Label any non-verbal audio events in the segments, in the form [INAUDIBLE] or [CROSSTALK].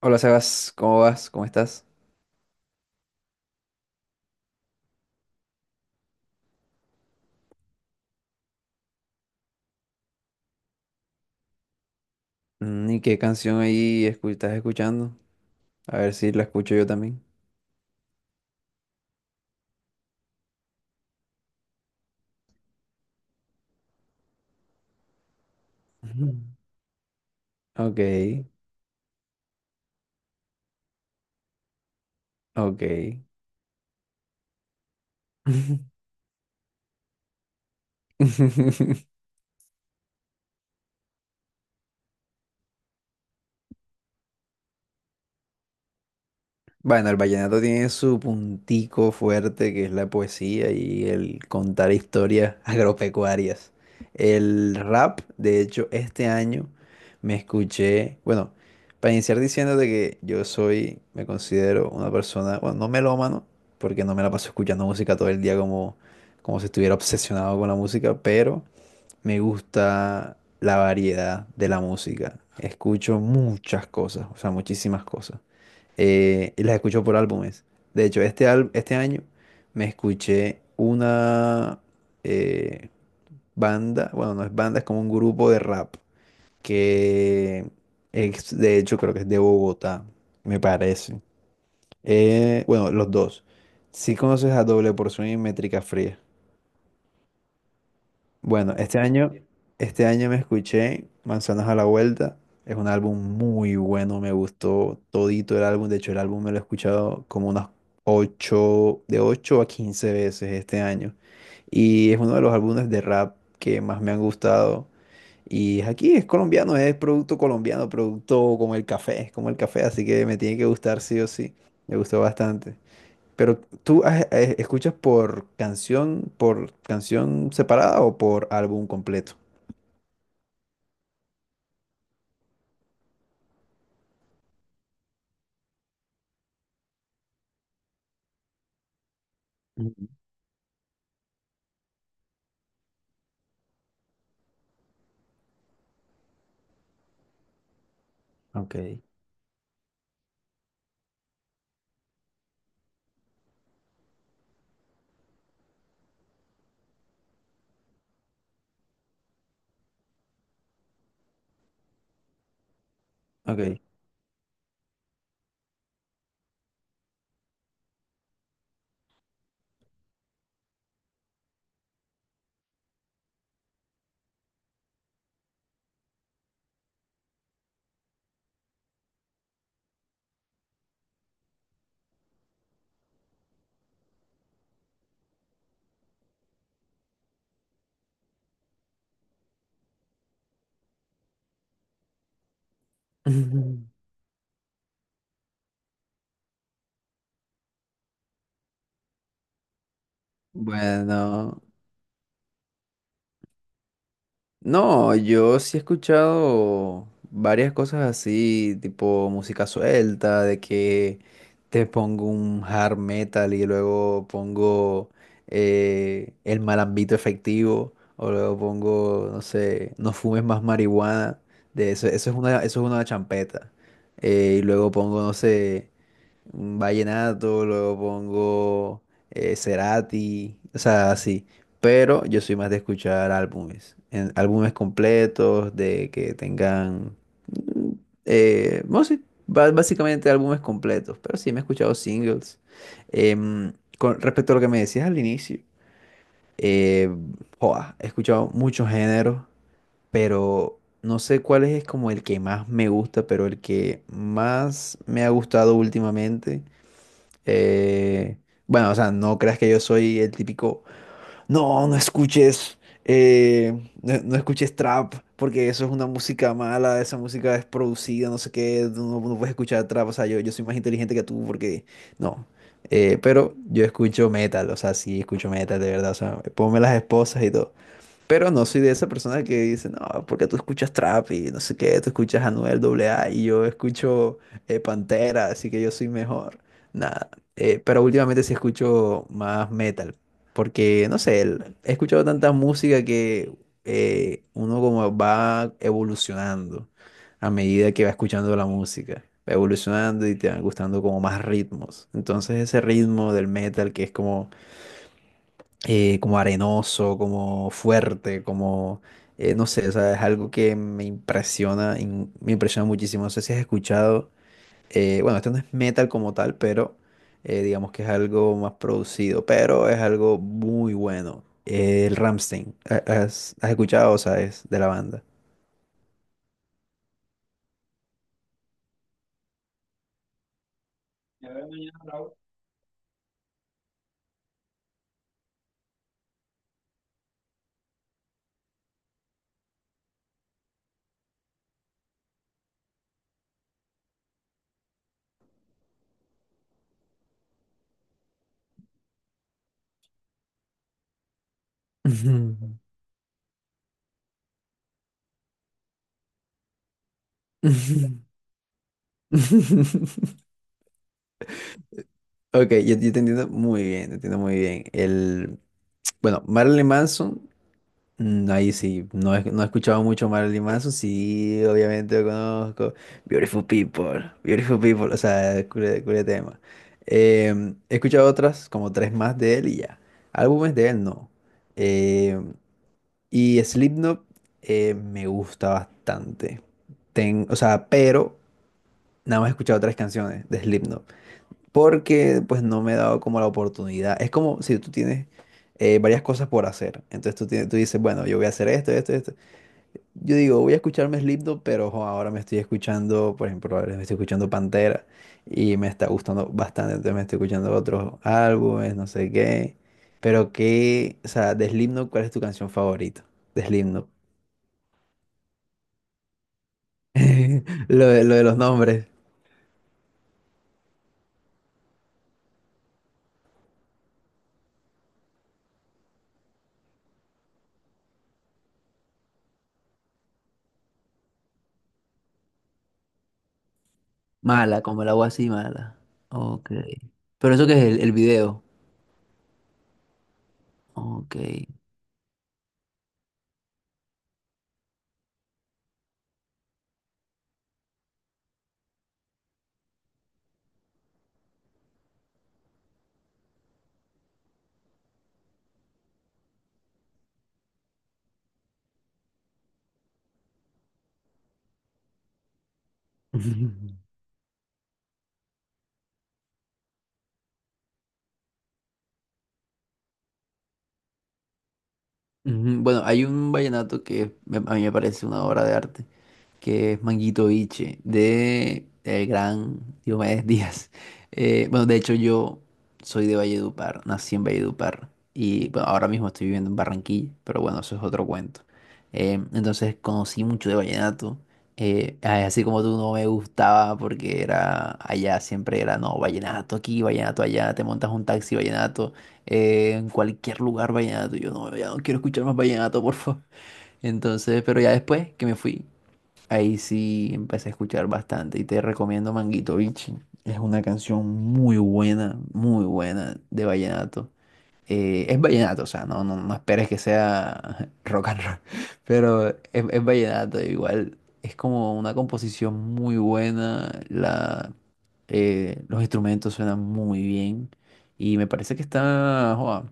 Hola Sebas, ¿cómo vas? ¿Cómo estás? ¿Y qué canción estás escuchando? A ver si la escucho yo también. [LAUGHS] Ujú. Ok, ok. [LAUGHS] Bueno, el vallenato tiene su puntico fuerte, que es la poesía y el contar historias [LAUGHS] agropecuarias. El rap, de hecho, este año me escuché, bueno, para iniciar diciéndote que yo soy, me considero una persona, bueno, no melómano, porque no me la paso escuchando música todo el día como, como si estuviera obsesionado con la música, pero me gusta la variedad de la música. Escucho muchas cosas, o sea, muchísimas cosas, y las escucho por álbumes. De hecho, este año me escuché una eh, banda, bueno, no es banda, es como un grupo de rap, que de hecho creo que es de Bogotá, me parece. Bueno, los dos. Si conoces a Doble Porción y Métrica Fría. Bueno, este año me escuché Manzanas a la Vuelta. Es un álbum muy bueno, me gustó todito el álbum. De hecho, el álbum me lo he escuchado como unas 8 de 8 a 15 veces este año. Y es uno de los álbumes de rap que más me han gustado. Y es aquí, es colombiano, es producto colombiano, producto como el café, es como el café, así que me tiene que gustar sí o sí. Me gustó bastante. Pero tú escuchas por canción separada o por álbum completo. Ujú. Ok. Ok. [LAUGHS] Bueno, no, yo sí he escuchado varias cosas así, tipo música suelta, de que te pongo un hard metal y luego pongo el malambito efectivo, o luego pongo, no sé, no fumes más marihuana, de eso, eso es una champeta. Y luego pongo, no sé, un vallenato, luego pongo Cerati, o sea, así. Pero yo soy más de escuchar álbumes, álbumes completos, de que tengan, mm, bueno, sí, básicamente álbumes completos, pero sí me he escuchado singles. Con respecto a lo que me decías al inicio, eh, joa, he escuchado muchos géneros, pero no sé cuál es como el que más me gusta, pero el que más me ha gustado últimamente eh, bueno, o sea, no creas que yo soy el típico, no, no escuches, no, no escuches trap, porque eso es una música mala, esa música es producida, no sé qué, tú no, no puedes escuchar trap, o sea, yo soy más inteligente que tú, porque no. Pero yo escucho metal, o sea, sí, escucho metal, de verdad, o sea, ponme las esposas y todo. Pero no soy de esa persona que dice, no, porque tú escuchas trap y no sé qué, tú escuchas Anuel AA y yo escucho Pantera, así que yo soy mejor. Nada, pero últimamente sí escucho más metal, porque no sé, he escuchado tanta música que uno como va evolucionando a medida que va escuchando la música, va evolucionando y te van gustando como más ritmos. Entonces ese ritmo del metal que es como como arenoso, como fuerte, como, no sé, o sea, es algo que me me impresiona muchísimo. No sé si has escuchado, bueno, esto no es metal como tal, pero digamos que es algo más producido, pero es algo muy bueno. El Rammstein, ¿has, has escuchado o sabes de la banda? Ujú, ujú. [LAUGHS] Ok, yo te entiendo muy bien, te entiendo muy bien. El, bueno, Marilyn Manson. Ahí sí, no he, no he escuchado mucho Marilyn Manson, sí, obviamente lo conozco. Beautiful People, Beautiful People, o sea, cule, cule tema. He escuchado otras, como tres más de él y ya. Álbumes de él no. Em, y Slipknot me gusta bastante. O sea, pero nada más he escuchado tres canciones de Slipknot, porque pues no me he dado como la oportunidad. Es como si tú tienes varias cosas por hacer, entonces tú, tienes, tú dices, bueno, yo voy a hacer esto, esto, esto. Yo digo, voy a escucharme Slipknot, pero jo, ahora me estoy escuchando, por ejemplo, ahora me estoy escuchando Pantera y me está gustando bastante, entonces me estoy escuchando otros álbumes, no sé qué. Pero qué, o sea, de Slipknot, ¿cuál es tu canción favorita? De Slipknot. [LAUGHS] Lo de los nombres. Mala, como el agua así, mala. Ok. Pero eso que es el video. Ok. [LAUGHS] Ujú, bueno, hay un vallenato que a mí me parece una obra de arte. Que es Manguito Biche, de el gran Diomedes [LAUGHS] Díaz. Bueno, de hecho yo soy de Valledupar, nací en Valledupar y bueno, ahora mismo estoy viviendo en Barranquilla, pero bueno, eso es otro cuento. Entonces conocí mucho de vallenato, ay, así como tú no me gustaba porque era allá, siempre era, no, vallenato aquí, vallenato allá, te montas un taxi, vallenato, en cualquier lugar vallenato, yo no, ya no quiero escuchar más vallenato, por favor. Entonces, pero ya después que me fui. Ahí sí empecé a escuchar bastante y te recomiendo Manguito Bichi. Es una canción muy buena de vallenato. Es vallenato, o sea, no, no, no esperes que sea [LAUGHS] rock and roll, pero es vallenato. Igual es como una composición muy buena, la, los instrumentos suenan muy bien y me parece que está, joa,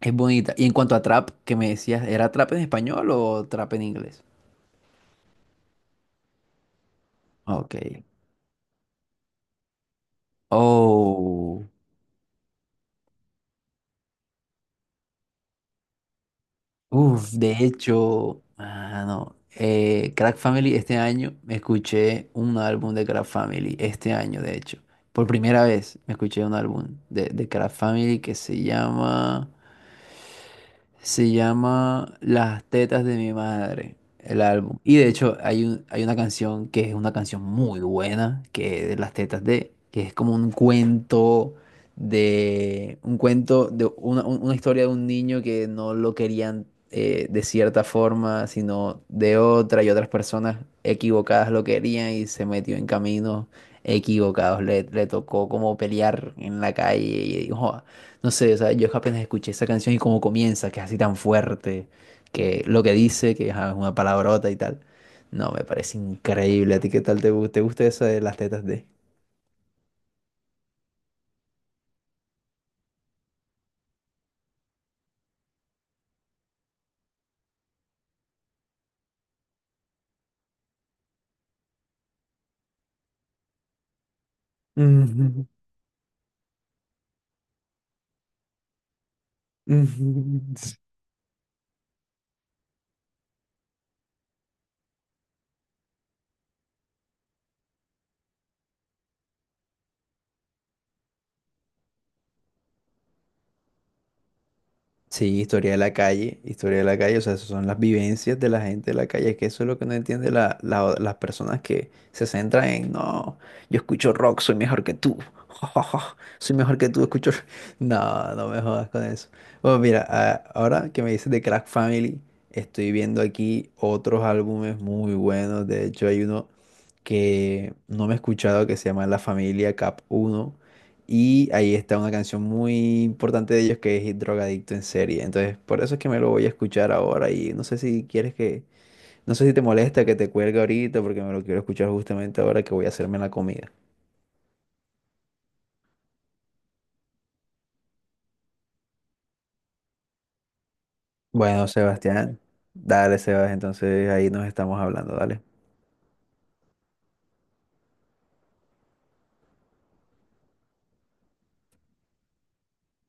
es bonita. Y en cuanto a trap, que me decías, ¿era trap en español o trap en inglés? Ok. Oh, uff, de hecho, ah, no. Crack Family, este año me escuché un álbum de Crack Family, este año, de hecho. Por primera vez me escuché un álbum de Crack Family que se llama. Se llama Las tetas de mi madre, el álbum. Y de hecho hay un, hay una canción que es una canción muy buena, que es de Las tetas de, que es como un cuento de una, una historia de un niño que no lo querían de cierta forma, sino de otra y otras personas equivocadas lo querían y se metió en caminos equivocados. Le tocó como pelear en la calle y dijo, "Ah, no sé, o sea, yo apenas escuché esa canción y cómo comienza, que es así tan fuerte, que lo que dice, que ajá, es una palabrota y tal. No, me parece increíble. ¿A ti qué tal te gusta? ¿Te gusta eso de las tetas de? [LAUGHS] Ujú, ujú. Sí, historia de la calle, historia de la calle, o sea, esas son las vivencias de la gente de la calle, es que eso es lo que no entiende la, las personas que se centran en, no, yo escucho rock, soy mejor que tú, [LAUGHS] soy mejor que tú, escucho... rock". No, no me jodas con eso. Bueno, mira, ahora que me dices de Crack Family, estoy viendo aquí otros álbumes muy buenos, de hecho hay uno que no me he escuchado, que se llama La Familia Cap Uno. Y ahí está una canción muy importante de ellos que es Drogadicto en serie. Entonces, por eso es que me lo voy a escuchar ahora. Y no sé si quieres que, no sé si te molesta que te cuelgue ahorita, porque me lo quiero escuchar justamente ahora que voy a hacerme la comida. Bueno, Sebastián, dale, Sebas, entonces ahí nos estamos hablando, dale.